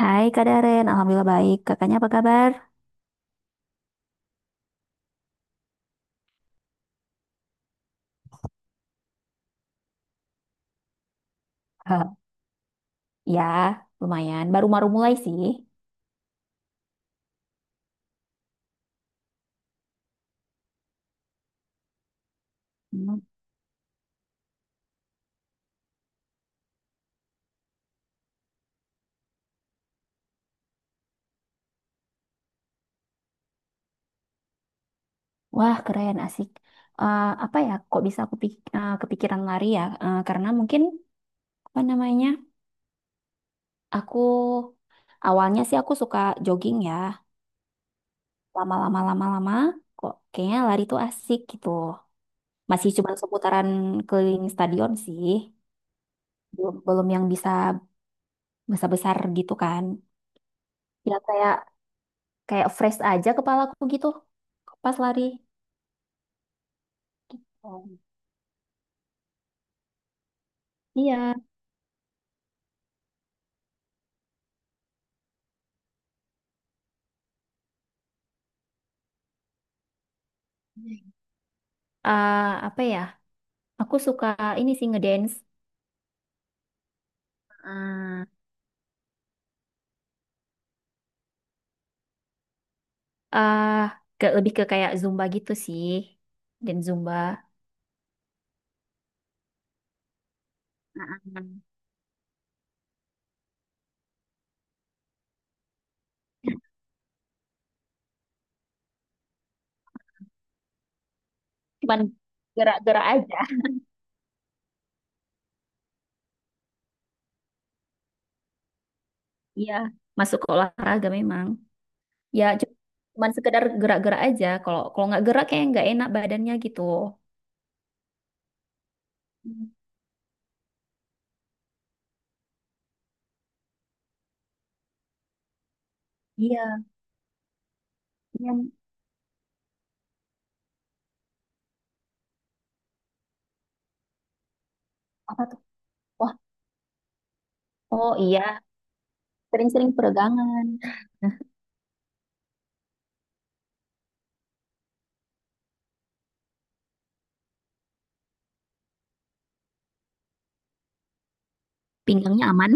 Hai Kak Daren, Alhamdulillah baik. Kakaknya apa kabar? Eh, ya, lumayan. Baru-baru mulai sih. Hmm. Wah keren, asik. Apa ya, kok bisa kepikiran lari ya? Karena mungkin, apa namanya, aku awalnya sih suka jogging ya. Lama-lama-lama-lama, kok kayaknya lari tuh asik gitu. Masih cuma seputaran keliling stadion sih. Belum, belum yang bisa besar-besar gitu kan. Ya kayak kayak fresh aja kepalaku gitu pas lari. Oh. Iya. Ah, apa ya? Aku suka ini sih ngedance. Ah, ah ke lebih ke kayak zumba gitu sih. Dan zumba. ah, ah. Cuman gerak-gerak aja. Iya, masuk ke olahraga memang. Ya, cuman sekedar gerak-gerak aja. Kalau kalau nggak gerak kayak nggak enak badannya gitu. Hmm, iya, yang apa tuh? Wah, oh iya, sering-sering peregangan. Pinggangnya aman.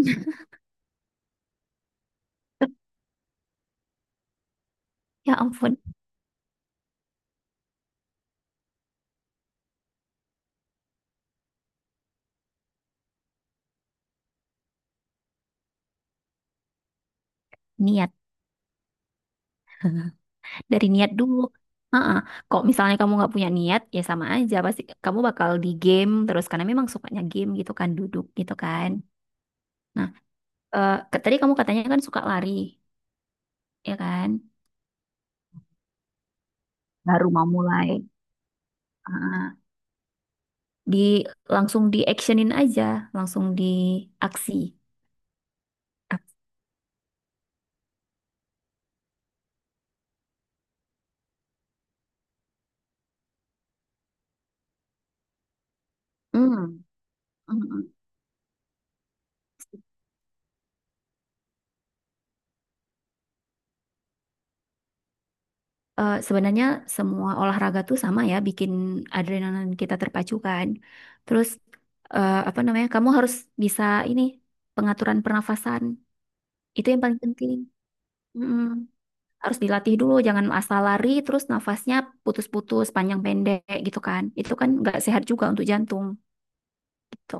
Ya ampun, niat. Dari niat dulu. Heeh. Kok misalnya kamu nggak punya niat, ya sama aja. Pasti kamu bakal di game terus. Karena memang sukanya game gitu kan, duduk gitu kan. Nah, tadi kamu katanya kan suka lari, ya kan? Baru mau mulai. Heeh. Di langsung di actionin aja, langsung di aksi. Ak- Hmm. Mm-mm. Sebenarnya semua olahraga tuh sama ya, bikin adrenalin kita terpacu kan. Terus apa namanya? Kamu harus bisa ini pengaturan pernafasan itu yang paling penting. Mm-mm. Harus dilatih dulu, jangan asal lari terus nafasnya putus-putus panjang pendek gitu kan. Itu kan nggak sehat juga untuk jantung gitu.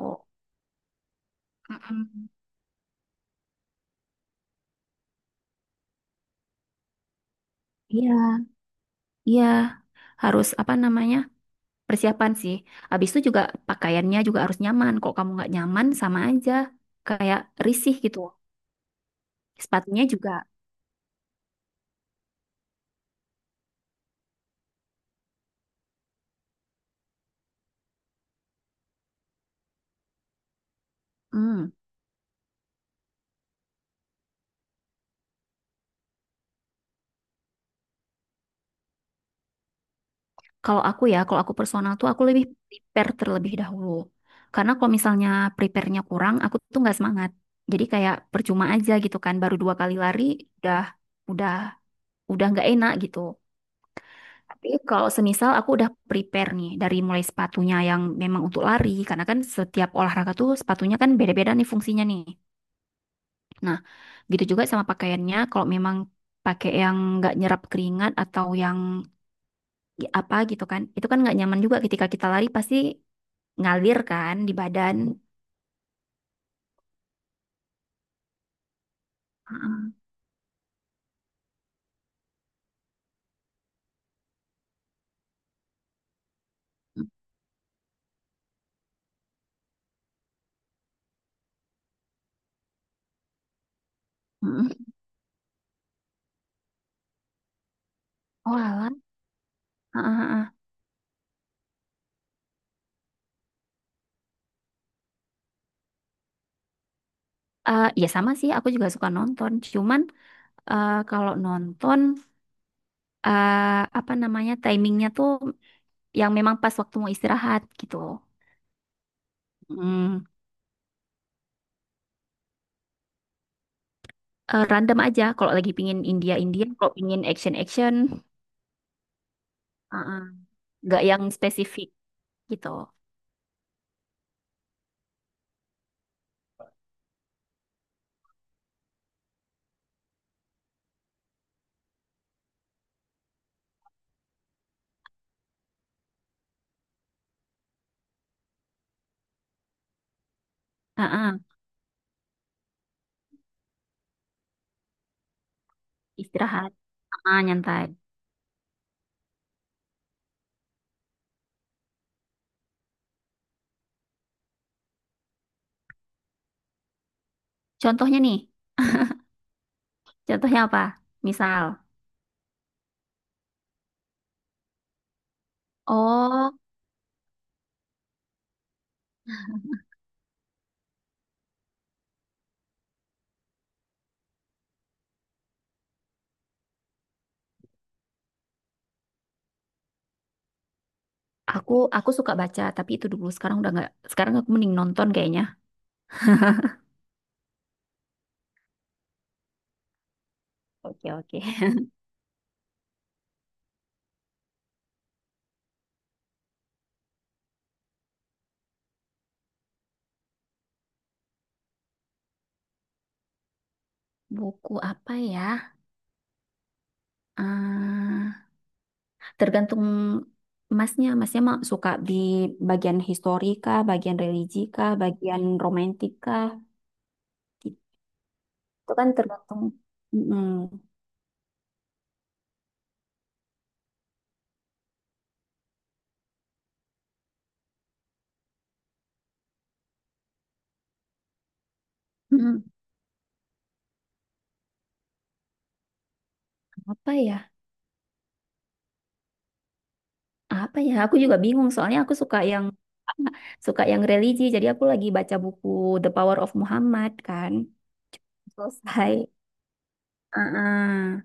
Mm-mm. Iya, iya harus apa namanya? Persiapan sih. Habis itu juga pakaiannya juga harus nyaman. Kalau kamu nggak nyaman sama aja kayak risih gitu. Sepatunya juga. Hmm. Kalau aku ya, kalau aku personal tuh aku lebih prepare terlebih dahulu. Karena kalau misalnya prepare-nya kurang, aku tuh nggak semangat. Jadi kayak percuma aja gitu kan. Baru dua kali lari udah udah udah nggak enak gitu. Tapi kalau semisal aku udah prepare nih dari mulai sepatunya yang memang untuk lari, karena kan setiap olahraga tuh sepatunya kan beda-beda nih fungsinya nih. Nah, gitu juga sama pakaiannya, kalau memang pakai yang nggak nyerap keringat atau apa gitu kan, itu kan nggak nyaman juga ketika kita lari pasti ngalir kan di badan. Heeh. Heeh. Oh alah. Heeh. Ya sama sih, aku juga suka nonton. Cuman kalau nonton eh, apa namanya timingnya tuh yang memang pas waktu mau istirahat gitu. Hmm. Random aja kalau lagi pingin India India, kalau pingin action action, heeh, nggak yang spesifik gitu. Heeh. Istirahat, nyantai. Contohnya nih, contohnya apa? Misal, oh, aku suka baca, tapi itu dulu. Sekarang udah nggak. Sekarang aku mending nonton kayaknya. Oke, oke. Buku apa ya? Eh, tergantung masnya. Masnya mah suka di bagian historika, bagian religi kah, bagian romantika. Itu kan tergantung. Mm-mm. Mm-mm. Apa ya? Apa ya aku juga bingung soalnya aku suka yang suka yang religi jadi aku lagi baca buku The Power of Muhammad kan selesai. Heeh.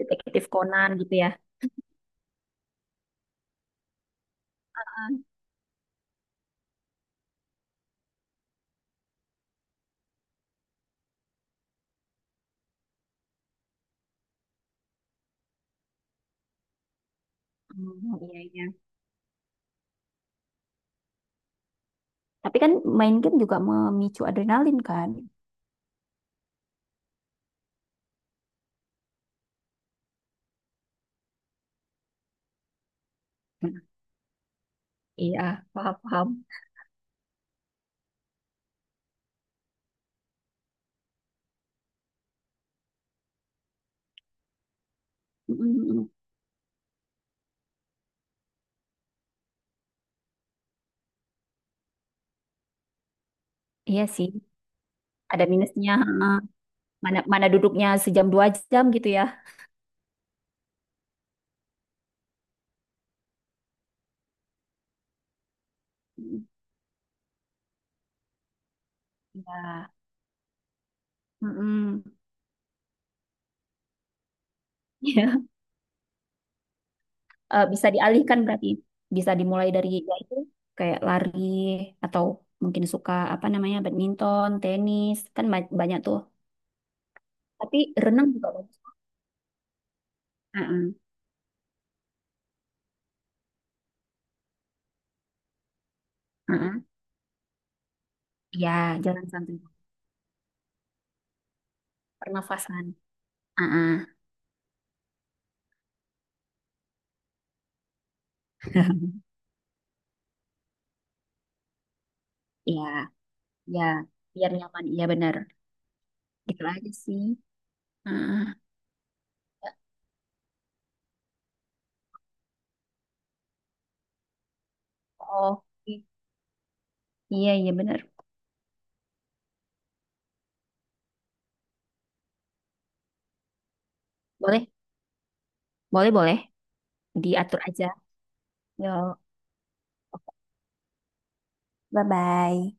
Detektif Conan gitu ya. Hmm, iya iya, tapi kan main game juga memicu adrenalin kan. Hmm, iya paham paham. Mm, mm, mm. Iya sih ada minusnya, heeh. Mana mana duduknya sejam dua jam gitu ya. Mm, iya. Mm, mm. Bisa dialihkan berarti bisa dimulai dari ya itu kayak lari atau mungkin suka apa namanya badminton, tenis kan banyak tuh. Tapi renang juga bagus. Heeh, heeh. Ya, jalan santai, pernafasan. Heeh, ya, ya, biar nyaman. Iya benar. Gitu aja sih. Heeh. Ya, oh, iya iya benar. Boleh, boleh, boleh. Diatur aja. Yo. Bye-bye.